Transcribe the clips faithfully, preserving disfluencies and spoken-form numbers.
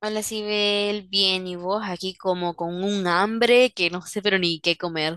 Hola, Sibel, bien, ¿y vos? Aquí como con un hambre que no sé pero ni qué comer.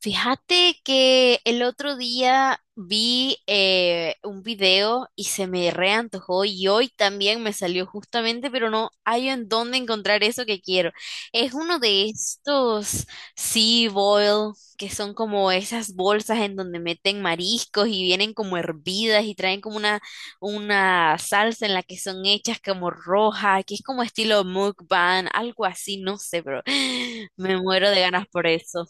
Fíjate que el otro día vi eh, un video y se me reantojó y hoy también me salió justamente, pero no hay en dónde encontrar eso que quiero. Es uno de estos sea boil que son como esas bolsas en donde meten mariscos y vienen como hervidas y traen como una, una salsa en la que son hechas como roja, que es como estilo mukbang, algo así, no sé, pero me muero de ganas por eso.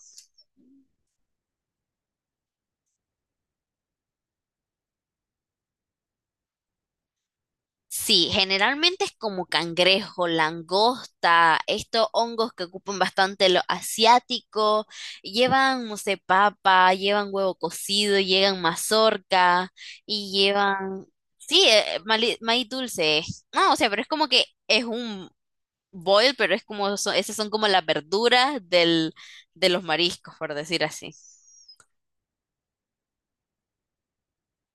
Sí, generalmente es como cangrejo, langosta, estos hongos que ocupan bastante lo asiático, llevan, no sé, papa, llevan huevo cocido, llevan mazorca y llevan, sí, eh, eh, mali- maíz dulce. No, o sea, pero es como que es un boil, pero es como, so- esas son como las verduras del, de los mariscos, por decir así.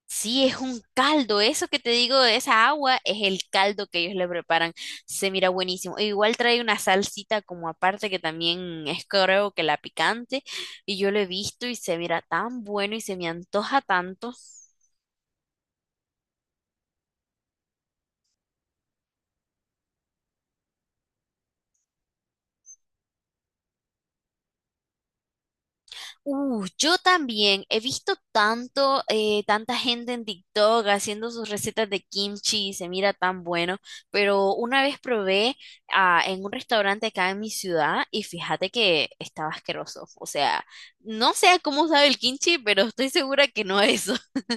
Sí, es un caldo, eso que te digo esa agua es el caldo que ellos le preparan, se mira buenísimo. E igual trae una salsita como aparte que también es creo que la picante y yo lo he visto y se mira tan bueno y se me antoja tanto. Uh, yo también he visto tanto, eh, tanta gente en TikTok haciendo sus recetas de kimchi y se mira tan bueno, pero una vez probé ah, en un restaurante acá en mi ciudad y fíjate que estaba asqueroso. O sea, no sé cómo sabe el kimchi, pero estoy segura que no es eso.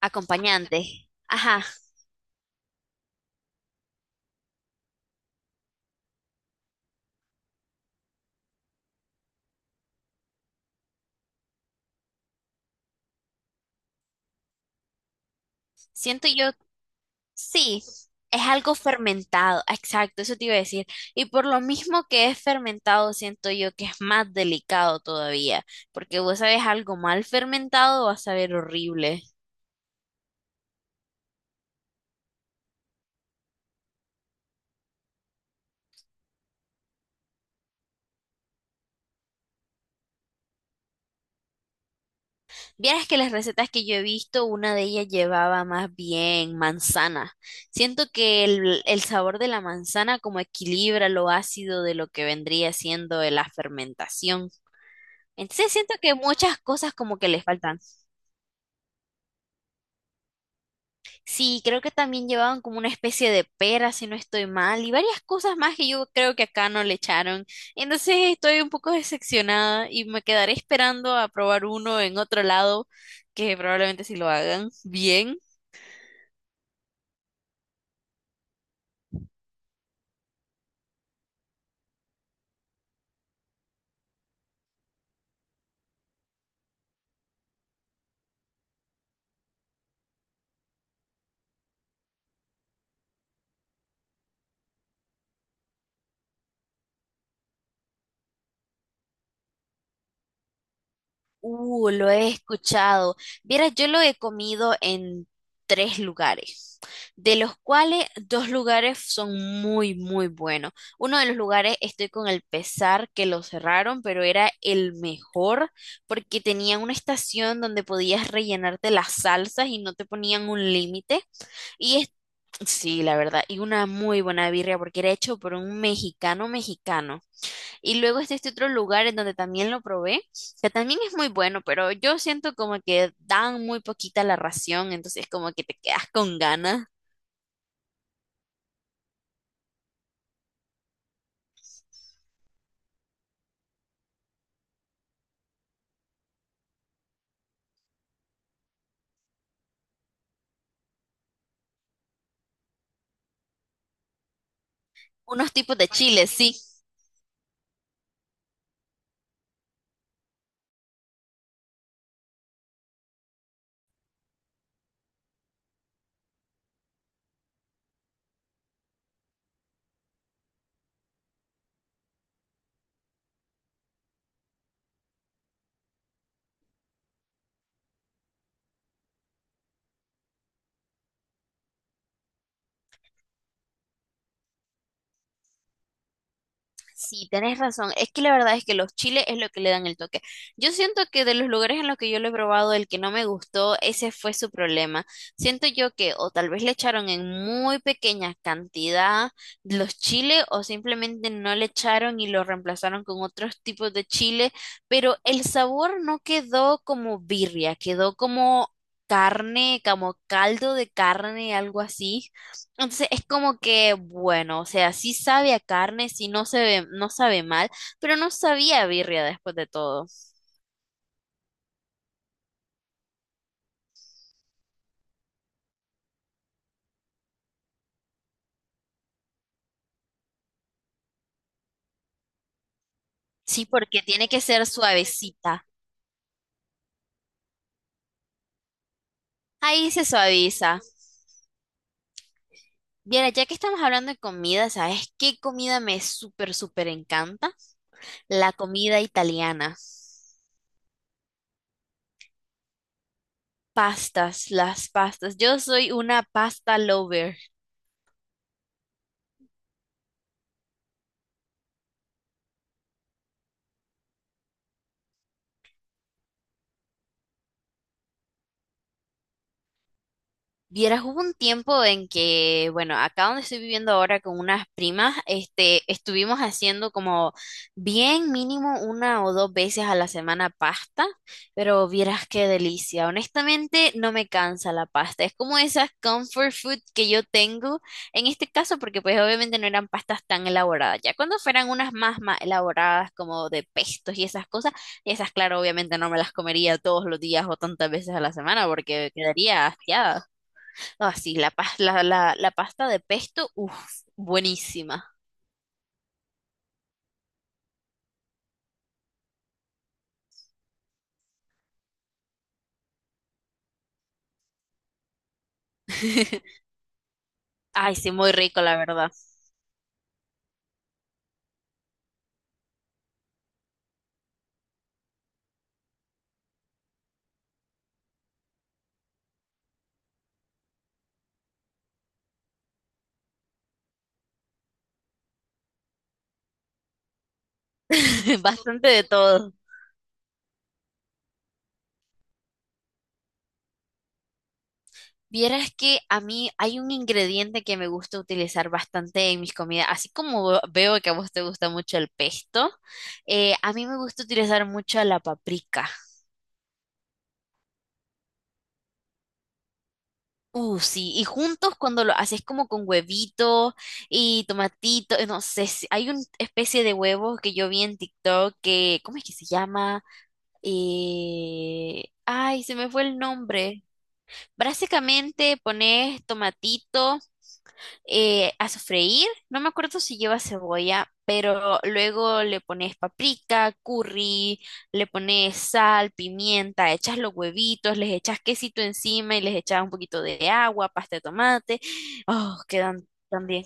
Acompañante. Ajá, siento yo. Sí, es algo fermentado, exacto, eso te iba a decir. Y por lo mismo que es fermentado, siento yo que es más delicado todavía, porque vos sabes algo mal fermentado, vas a ver horrible. Vieras que las recetas que yo he visto, una de ellas llevaba más bien manzana. Siento que el, el sabor de la manzana como equilibra lo ácido de lo que vendría siendo de la fermentación. Entonces siento que muchas cosas como que les faltan. Sí, creo que también llevaban como una especie de pera, si no estoy mal, y varias cosas más que yo creo que acá no le echaron. Entonces estoy un poco decepcionada y me quedaré esperando a probar uno en otro lado, que probablemente si lo hagan bien. Uh, lo he escuchado. Vieras, yo lo he comido en tres lugares, de los cuales dos lugares son muy, muy buenos. Uno de los lugares estoy con el pesar que lo cerraron, pero era el mejor porque tenía una estación donde podías rellenarte las salsas y no te ponían un límite. Y es, sí, la verdad, y una muy buena birria porque era hecho por un mexicano mexicano. Y luego está este otro lugar en donde también lo probé, que también es muy bueno, pero yo siento como que dan muy poquita la ración, entonces como que te quedas con ganas. Unos tipos de chiles, sí. Sí, tenés razón. Es que la verdad es que los chiles es lo que le dan el toque. Yo siento que de los lugares en los que yo lo he probado, el que no me gustó, ese fue su problema. Siento yo que o tal vez le echaron en muy pequeña cantidad los chiles o simplemente no le echaron y lo reemplazaron con otros tipos de chile, pero el sabor no quedó como birria, quedó como carne, como caldo de carne, algo así. Entonces es como que, bueno, o sea, sí sabe a carne, sí no se ve, no sabe mal, pero no sabía a birria después de todo. Sí, porque tiene que ser suavecita. Ahí se suaviza. Mira, ya que estamos hablando de comida, ¿sabes qué comida me súper, súper encanta? La comida italiana. Pastas, las pastas. Yo soy una pasta lover. Vieras, hubo un tiempo en que, bueno, acá donde estoy viviendo ahora con unas primas, este, estuvimos haciendo como bien mínimo una o dos veces a la semana pasta, pero vieras qué delicia. Honestamente, no me cansa la pasta. Es como esas comfort food que yo tengo en este caso, porque pues obviamente no eran pastas tan elaboradas. Ya cuando fueran unas más más elaboradas, como de pestos y esas cosas, esas, claro, obviamente no me las comería todos los días o tantas veces a la semana porque quedaría hastiada. Ah, sí, la, pas- la, la, la pasta de pesto, uff, buenísima. Ay, sí, muy rico, la verdad. Bastante de todo. Vieras que a mí hay un ingrediente que me gusta utilizar bastante en mis comidas, así como veo que a vos te gusta mucho el pesto, eh, a mí me gusta utilizar mucho la paprika. Uh, sí, y juntos cuando lo haces como con huevito y tomatito, eh, no sé, si- hay una especie de huevo que yo vi en TikTok que, ¿cómo es que se llama? Y, ay, se me fue el nombre. Básicamente pones tomatito eh, a sofreír. No me acuerdo si lleva cebolla, pero luego le pones paprika, curry, le pones sal, pimienta, echas los huevitos, les echas quesito encima y les echas un poquito de agua, pasta de tomate. Oh, quedan tan bien.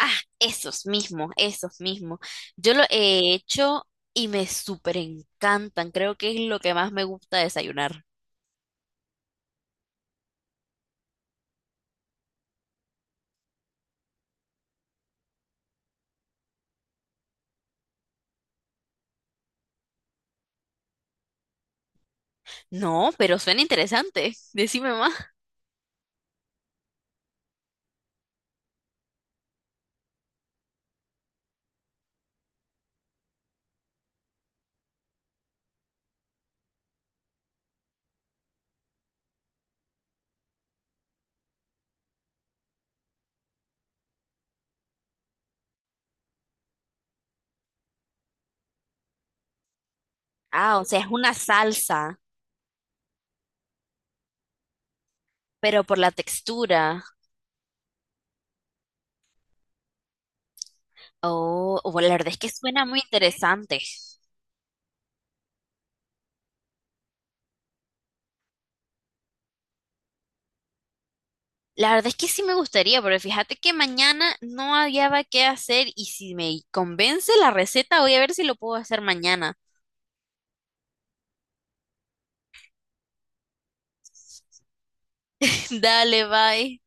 Ah, esos mismos, esos mismos. Yo lo he hecho y me súper encantan. Creo que es lo que más me gusta desayunar. No, pero suena interesante. Decime más. Ah, o sea, es una salsa, pero por la textura. Oh, oh, la verdad es que suena muy interesante. La verdad es que sí me gustaría, pero fíjate que mañana no había qué hacer y si me convence la receta, voy a ver si lo puedo hacer mañana. Dale, bye.